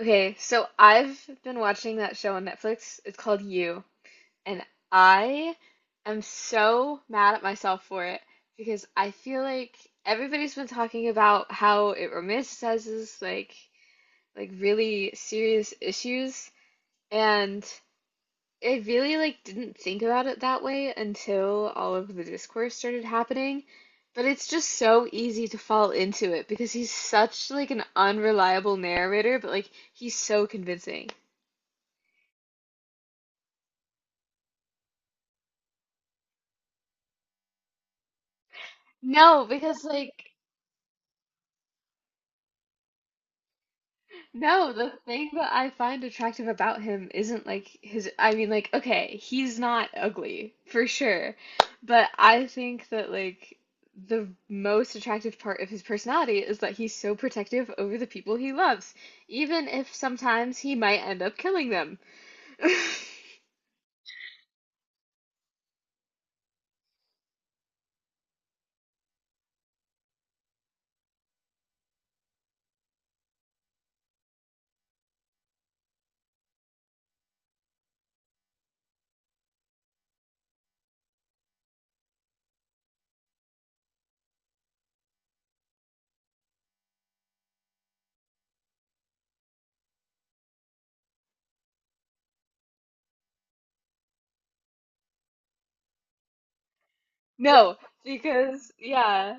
Okay, so I've been watching that show on Netflix. It's called You, and I am so mad at myself for it because I feel like everybody's been talking about how it romanticizes like really serious issues, and I really like didn't think about it that way until all of the discourse started happening. But it's just so easy to fall into it because he's such like an unreliable narrator, but like he's so convincing. No, because like no, the thing that I find attractive about him isn't like his I mean like okay, he's not ugly for sure, but I think that like the most attractive part of his personality is that he's so protective over the people he loves, even if sometimes he might end up killing them. No, because yeah.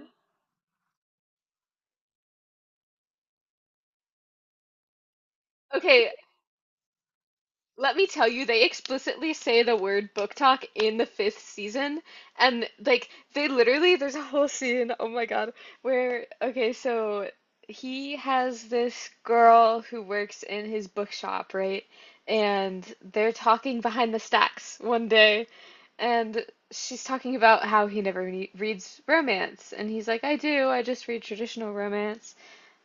Okay, let me tell you, they explicitly say the word book talk in the fifth season, and like they literally, there's a whole scene, oh my God, where okay, so he has this girl who works in his bookshop, right? And they're talking behind the stacks one day, and she's talking about how he never re reads romance, and he's like, I do, I just read traditional romance.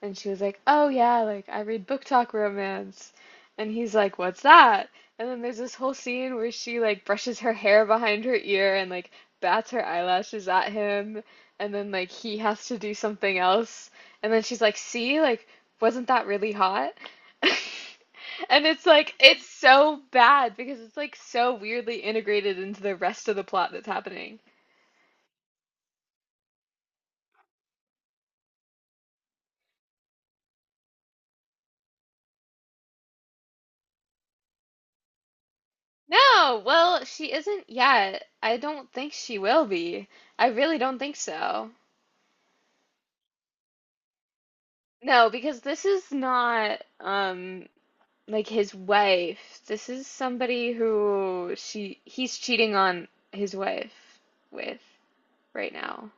And she was like, oh yeah, like I read book talk romance. And he's like, "What's that?" And then there's this whole scene where she like brushes her hair behind her ear and like bats her eyelashes at him. And then like he has to do something else. And then she's like, "See, like wasn't that really hot?" And it's like it's so bad because it's like so weirdly integrated into the rest of the plot that's happening. No, well, she isn't yet. I don't think she will be. I really don't think so. No, because this is not like his wife. This is somebody who she he's cheating on his wife with right now.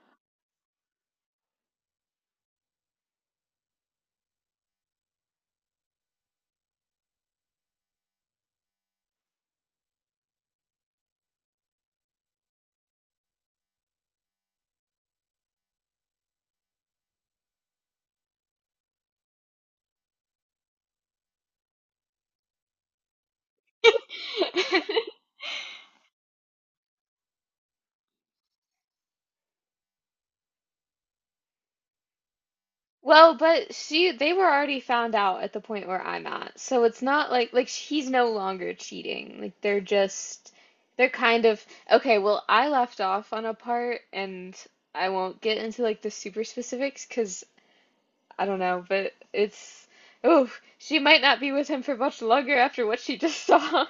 Well, but she they were already found out at the point where I'm at. So it's not like like he's no longer cheating. Like they're just they're kind of okay, well, I left off on a part and I won't get into like the super specifics because I don't know, but it's oh, she might not be with him for much longer after what she just saw.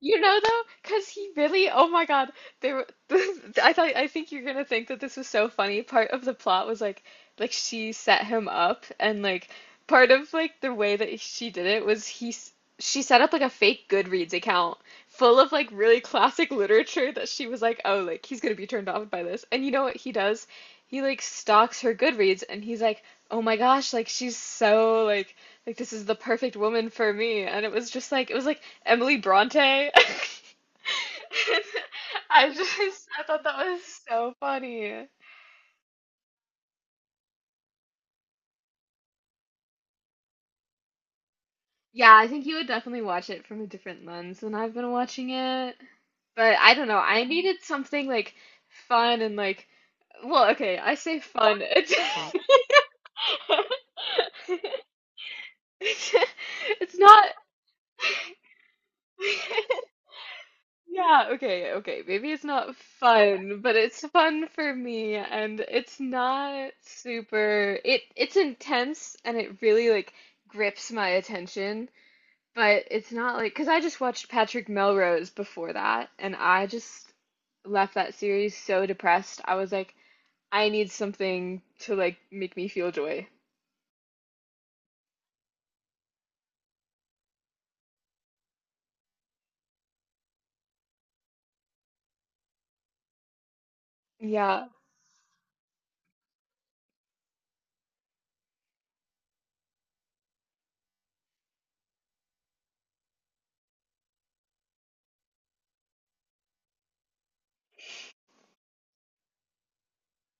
You know though, because he really, oh my God, they were. I thought, I think you're gonna think that this was so funny. Part of the plot was like she set him up, and like part of like the way that she did it was he, she set up like a fake Goodreads account, full of like really classic literature that she was like, oh, like he's gonna be turned off by this. And you know what he does? He like stalks her Goodreads and he's like, oh my gosh, like she's so like this is the perfect woman for me. And it was just like it was like Emily Bronte. I thought that was so funny. Yeah, I think you would definitely watch it from a different lens than I've been watching it. But I don't know, I needed something like fun and like, well, okay, I say fun. It's it's not yeah, okay, okay. Maybe it's not fun, but it's fun for me and it's not super it's intense and it really like grips my attention. But it's not like, because I just watched Patrick Melrose before that, and I just left that series so depressed. I was like, I need something to like make me feel joy. Yeah.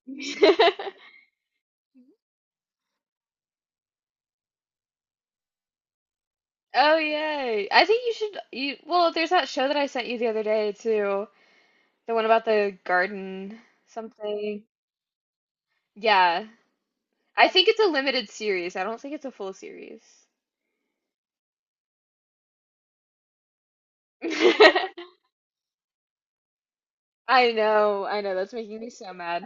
Oh, yay. I think you should, you, well, there's that show that I sent you the other day too, the one about the garden something. Yeah. I think it's a limited series. I don't think it's a full series. I I know, that's making me so mad.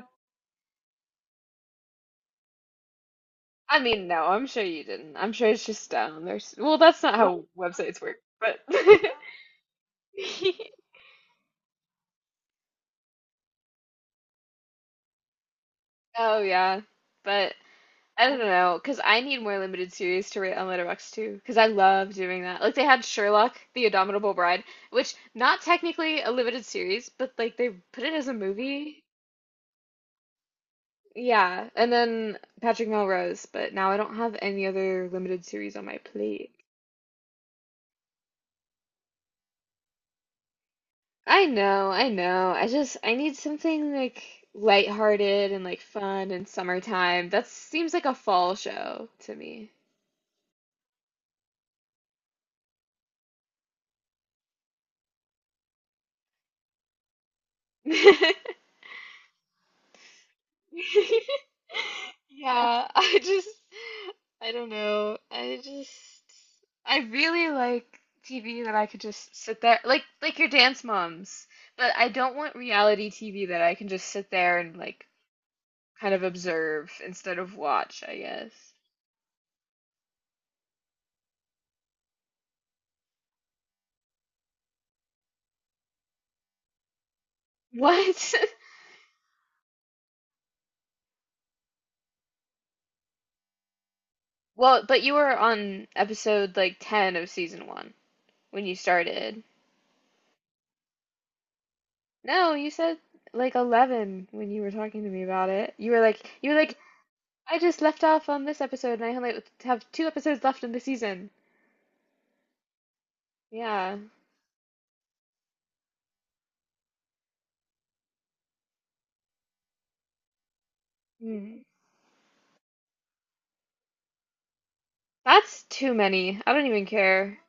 I mean, no, I'm sure you didn't. I'm sure it's just down. There's well, that's not oh, how websites work, but oh yeah, but I don't know, cause I need more limited series to rate on Letterboxd too, cause I love doing that. Like they had Sherlock, The Indomitable Bride, which not technically a limited series, but like they put it as a movie. Yeah, and then Patrick Melrose, but now I don't have any other limited series on my plate. I know, I know. I need something like lighthearted and like fun and summertime. That seems like a fall show to me. Yeah, I don't know. I really like TV that I could just sit there like your Dance Moms, but I don't want reality TV that I can just sit there and like kind of observe instead of watch, I guess. What? Well, but you were on episode like 10 of season 1 when you started. No, you said like 11 when you were talking to me about it. You were like I just left off on this episode and I only have two episodes left in the season. Yeah. Hmm. That's too many. I don't even care.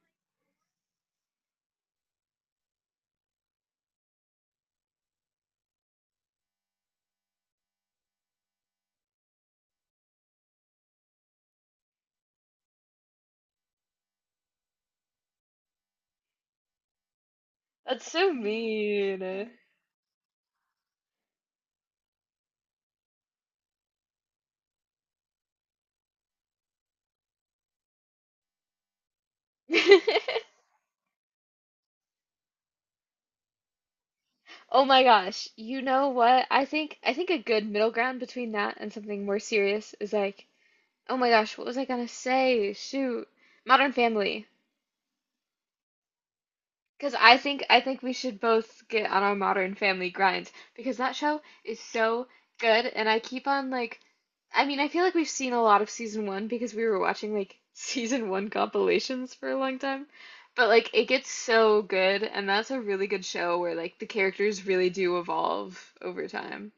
That's so mean. Oh my gosh. You know what? I think a good middle ground between that and something more serious is like oh my gosh, what was I gonna say? Shoot. Modern Family. Because I think we should both get on our Modern Family grind because that show is so good and I keep on like I mean, I feel like we've seen a lot of season one because we were watching like season one compilations for a long time. But like it gets so good and that's a really good show where like the characters really do evolve over time.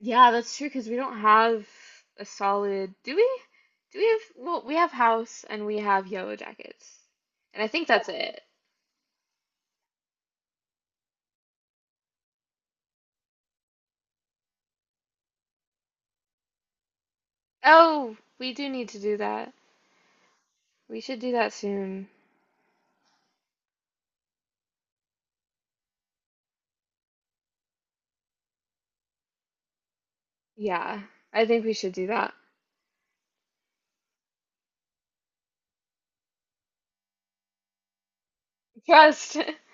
Yeah, that's true because we don't have a solid. Do we? Do we have? Well, we have House and we have Yellow Jackets, and I think that's it. Oh, we do need to do that. We should do that soon. Yeah, I think we should do that. Trust.